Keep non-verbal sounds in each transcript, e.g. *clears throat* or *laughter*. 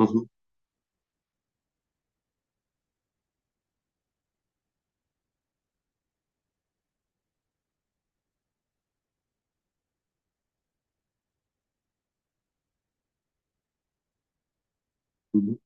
Hı hı, hı hı.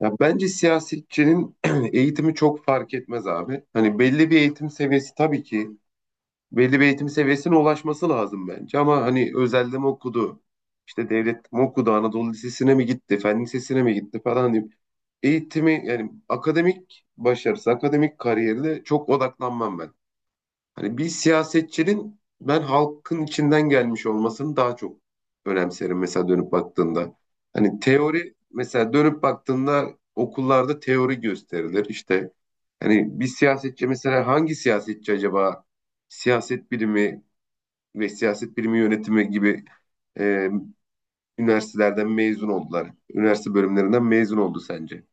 Ya bence siyasetçinin *clears throat* eğitimi çok fark etmez abi. Hani belli bir eğitim seviyesi tabii ki belli bir eğitim seviyesine ulaşması lazım bence. Ama hani özelde mi okudu, işte devlet mi okudu, Anadolu Lisesi'ne mi gitti, Fen Lisesi'ne mi gitti falan diyeyim. Eğitimi yani akademik başarısı, akademik kariyerine çok odaklanmam ben. Hani bir siyasetçinin ben halkın içinden gelmiş olmasını daha çok önemserim mesela dönüp baktığında. Hani teori mesela dönüp baktığında okullarda teori gösterilir. İşte hani bir siyasetçi mesela hangi siyasetçi acaba siyaset bilimi ve siyaset bilimi yönetimi gibi e, üniversitelerden mezun oldular. Üniversite bölümlerinden mezun oldu sence?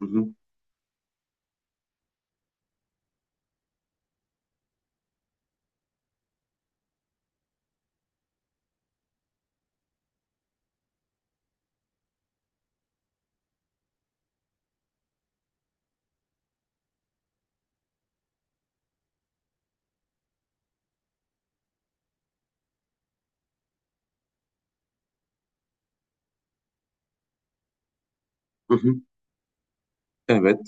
Hı hı, hı hı. Evet.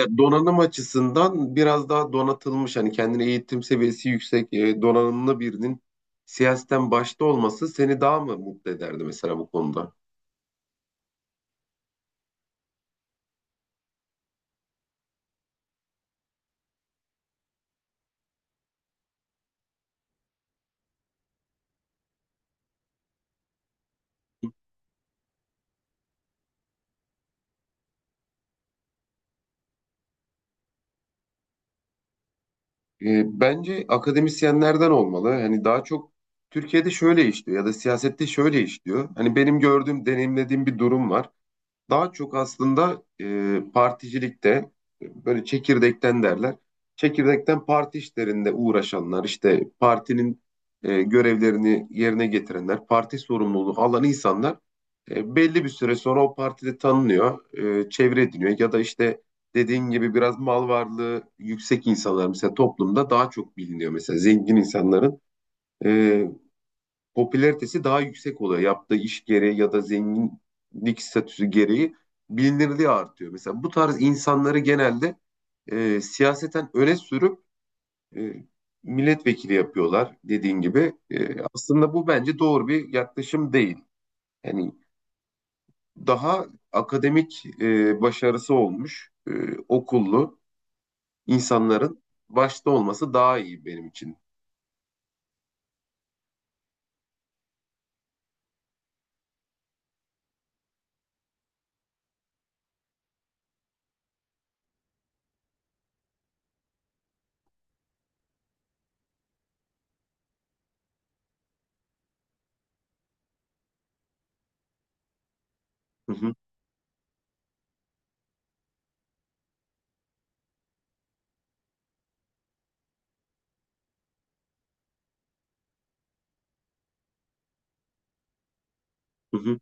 Ya donanım açısından biraz daha donatılmış hani kendine eğitim seviyesi yüksek donanımlı birinin siyasetten başta olması seni daha mı mutlu ederdi mesela bu konuda? Bence akademisyenlerden olmalı. Hani daha çok Türkiye'de şöyle işliyor ya da siyasette şöyle işliyor. Hani benim gördüğüm, deneyimlediğim bir durum var. Daha çok aslında particilikte böyle çekirdekten derler. Çekirdekten parti işlerinde uğraşanlar işte partinin görevlerini yerine getirenler, parti sorumluluğu alan insanlar belli bir süre sonra o partide tanınıyor, çevre ediniyor ya da işte dediğin gibi biraz mal varlığı yüksek insanlar mesela toplumda daha çok biliniyor mesela zengin insanların. E, popülaritesi daha yüksek oluyor. Yaptığı iş gereği ya da zenginlik statüsü gereği bilinirliği artıyor. Mesela bu tarz insanları genelde siyaseten öne sürüp e, milletvekili yapıyorlar dediğin gibi. Aslında bu bence doğru bir yaklaşım değil. Yani daha akademik başarısı olmuş okullu insanların başta olması daha iyi benim için. Hı hı, hı hı,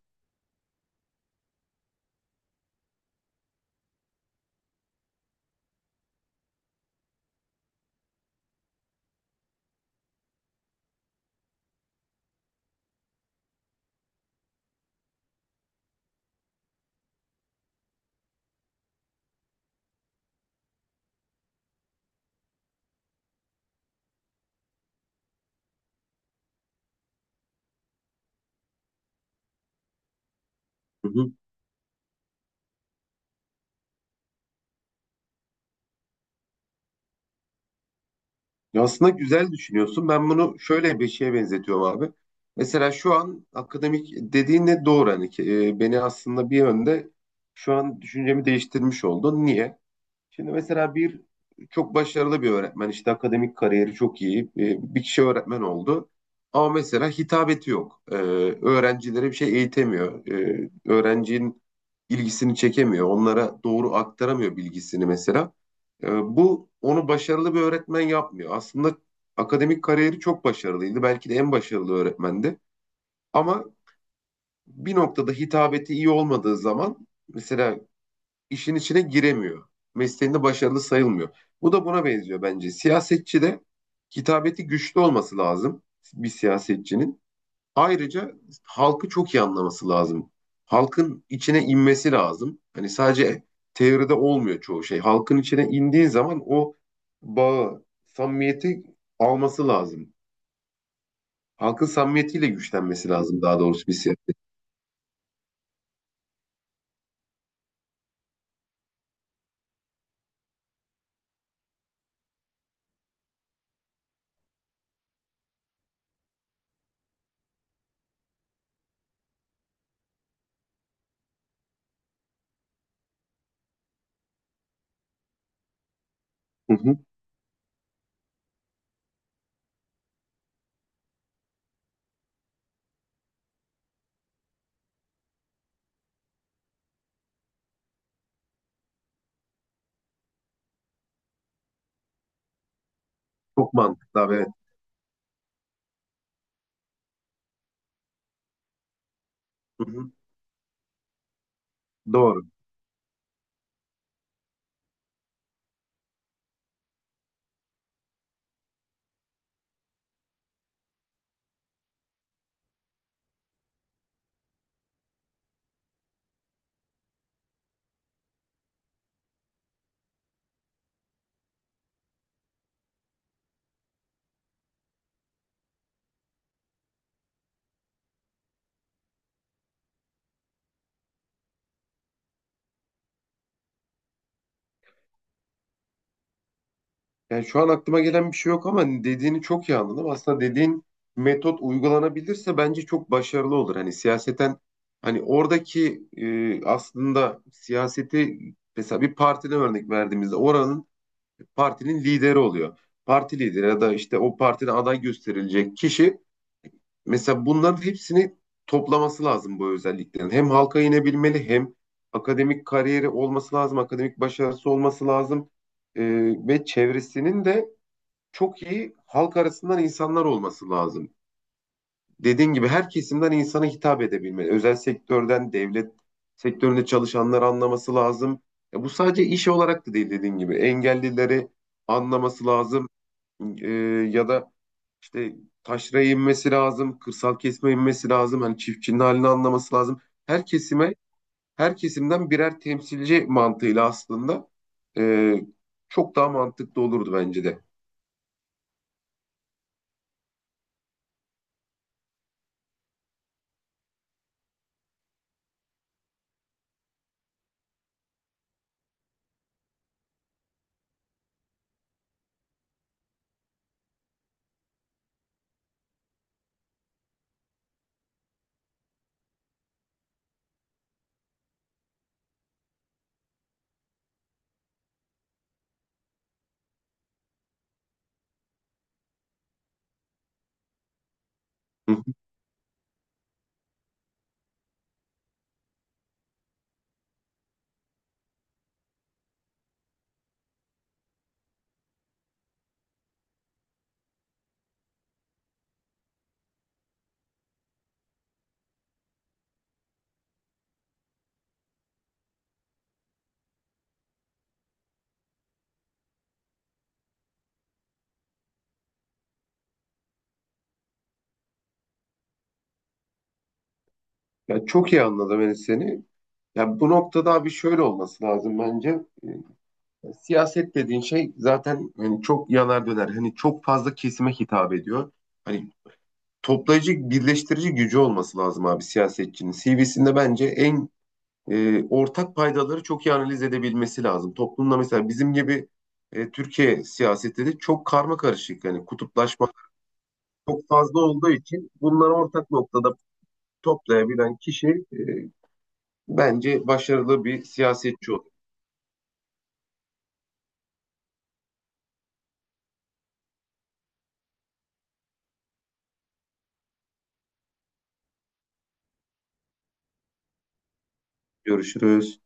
hı hı. Ya, aslında güzel düşünüyorsun. Ben bunu şöyle bir şeye benzetiyorum abi. Mesela şu an akademik dediğin de doğru. Hani ki, beni aslında bir yönde şu an düşüncemi değiştirmiş oldun. Niye? Şimdi mesela bir çok başarılı bir öğretmen işte akademik kariyeri çok iyi bir kişi öğretmen oldu. Ama mesela hitabeti yok. Öğrencilere bir şey eğitemiyor. Öğrencinin ilgisini çekemiyor. Onlara doğru aktaramıyor bilgisini mesela. Ee, bu onu başarılı bir öğretmen yapmıyor. Aslında akademik kariyeri çok başarılıydı. Belki de en başarılı öğretmendi. Ama bir noktada hitabeti iyi olmadığı zaman mesela işin içine giremiyor. Mesleğinde başarılı sayılmıyor. Bu da buna benziyor bence. Siyasetçi de hitabeti güçlü olması lazım bir siyasetçinin. Ayrıca halkı çok iyi anlaması lazım. Halkın içine inmesi lazım. Hani sadece teoride olmuyor çoğu şey. Halkın içine indiği zaman o bağı, samimiyeti alması lazım. Halkın samimiyetiyle güçlenmesi lazım daha doğrusu bir siyaset. Hı hı. Çok mantıklı abi. Evet. Hı hı. Doğru. Yani şu an aklıma gelen bir şey yok ama dediğini çok iyi anladım. Aslında dediğin metot uygulanabilirse bence çok başarılı olur. Hani siyaseten hani oradaki aslında siyaseti mesela bir partiden örnek verdiğimizde oranın partinin lideri oluyor. Parti lideri ya da işte o partide aday gösterilecek kişi mesela bunların hepsini toplaması lazım bu özelliklerin. Hem halka inebilmeli hem akademik kariyeri olması lazım, akademik başarısı olması lazım. E, ve çevresinin de çok iyi halk arasından insanlar olması lazım. Dediğin gibi her kesimden insana hitap edebilmeli. Özel sektörden, devlet sektöründe çalışanları anlaması lazım. Bu sadece iş olarak da değil dediğin gibi. Engellileri anlaması lazım. E, ya da işte taşraya inmesi lazım, kırsal kesime inmesi lazım. Hani çiftçinin halini anlaması lazım. Her kesime, her kesimden birer temsilci mantığıyla aslında e, çok daha mantıklı olurdu bence de. Hı hı. Ya çok iyi anladım Enes seni. Ya bu noktada abi şöyle olması lazım bence. Siyaset dediğin şey zaten hani çok yanar döner. Hani çok fazla kesime hitap ediyor. Hani toplayıcı, birleştirici gücü olması lazım abi siyasetçinin. CV'sinde bence en ortak paydaları çok iyi analiz edebilmesi lazım. Toplumda mesela bizim gibi Türkiye siyaseti de çok karma karışık. Yani kutuplaşma çok fazla olduğu için bunları ortak noktada toplayabilen kişi e, bence başarılı bir siyasetçi olur. Görüşürüz.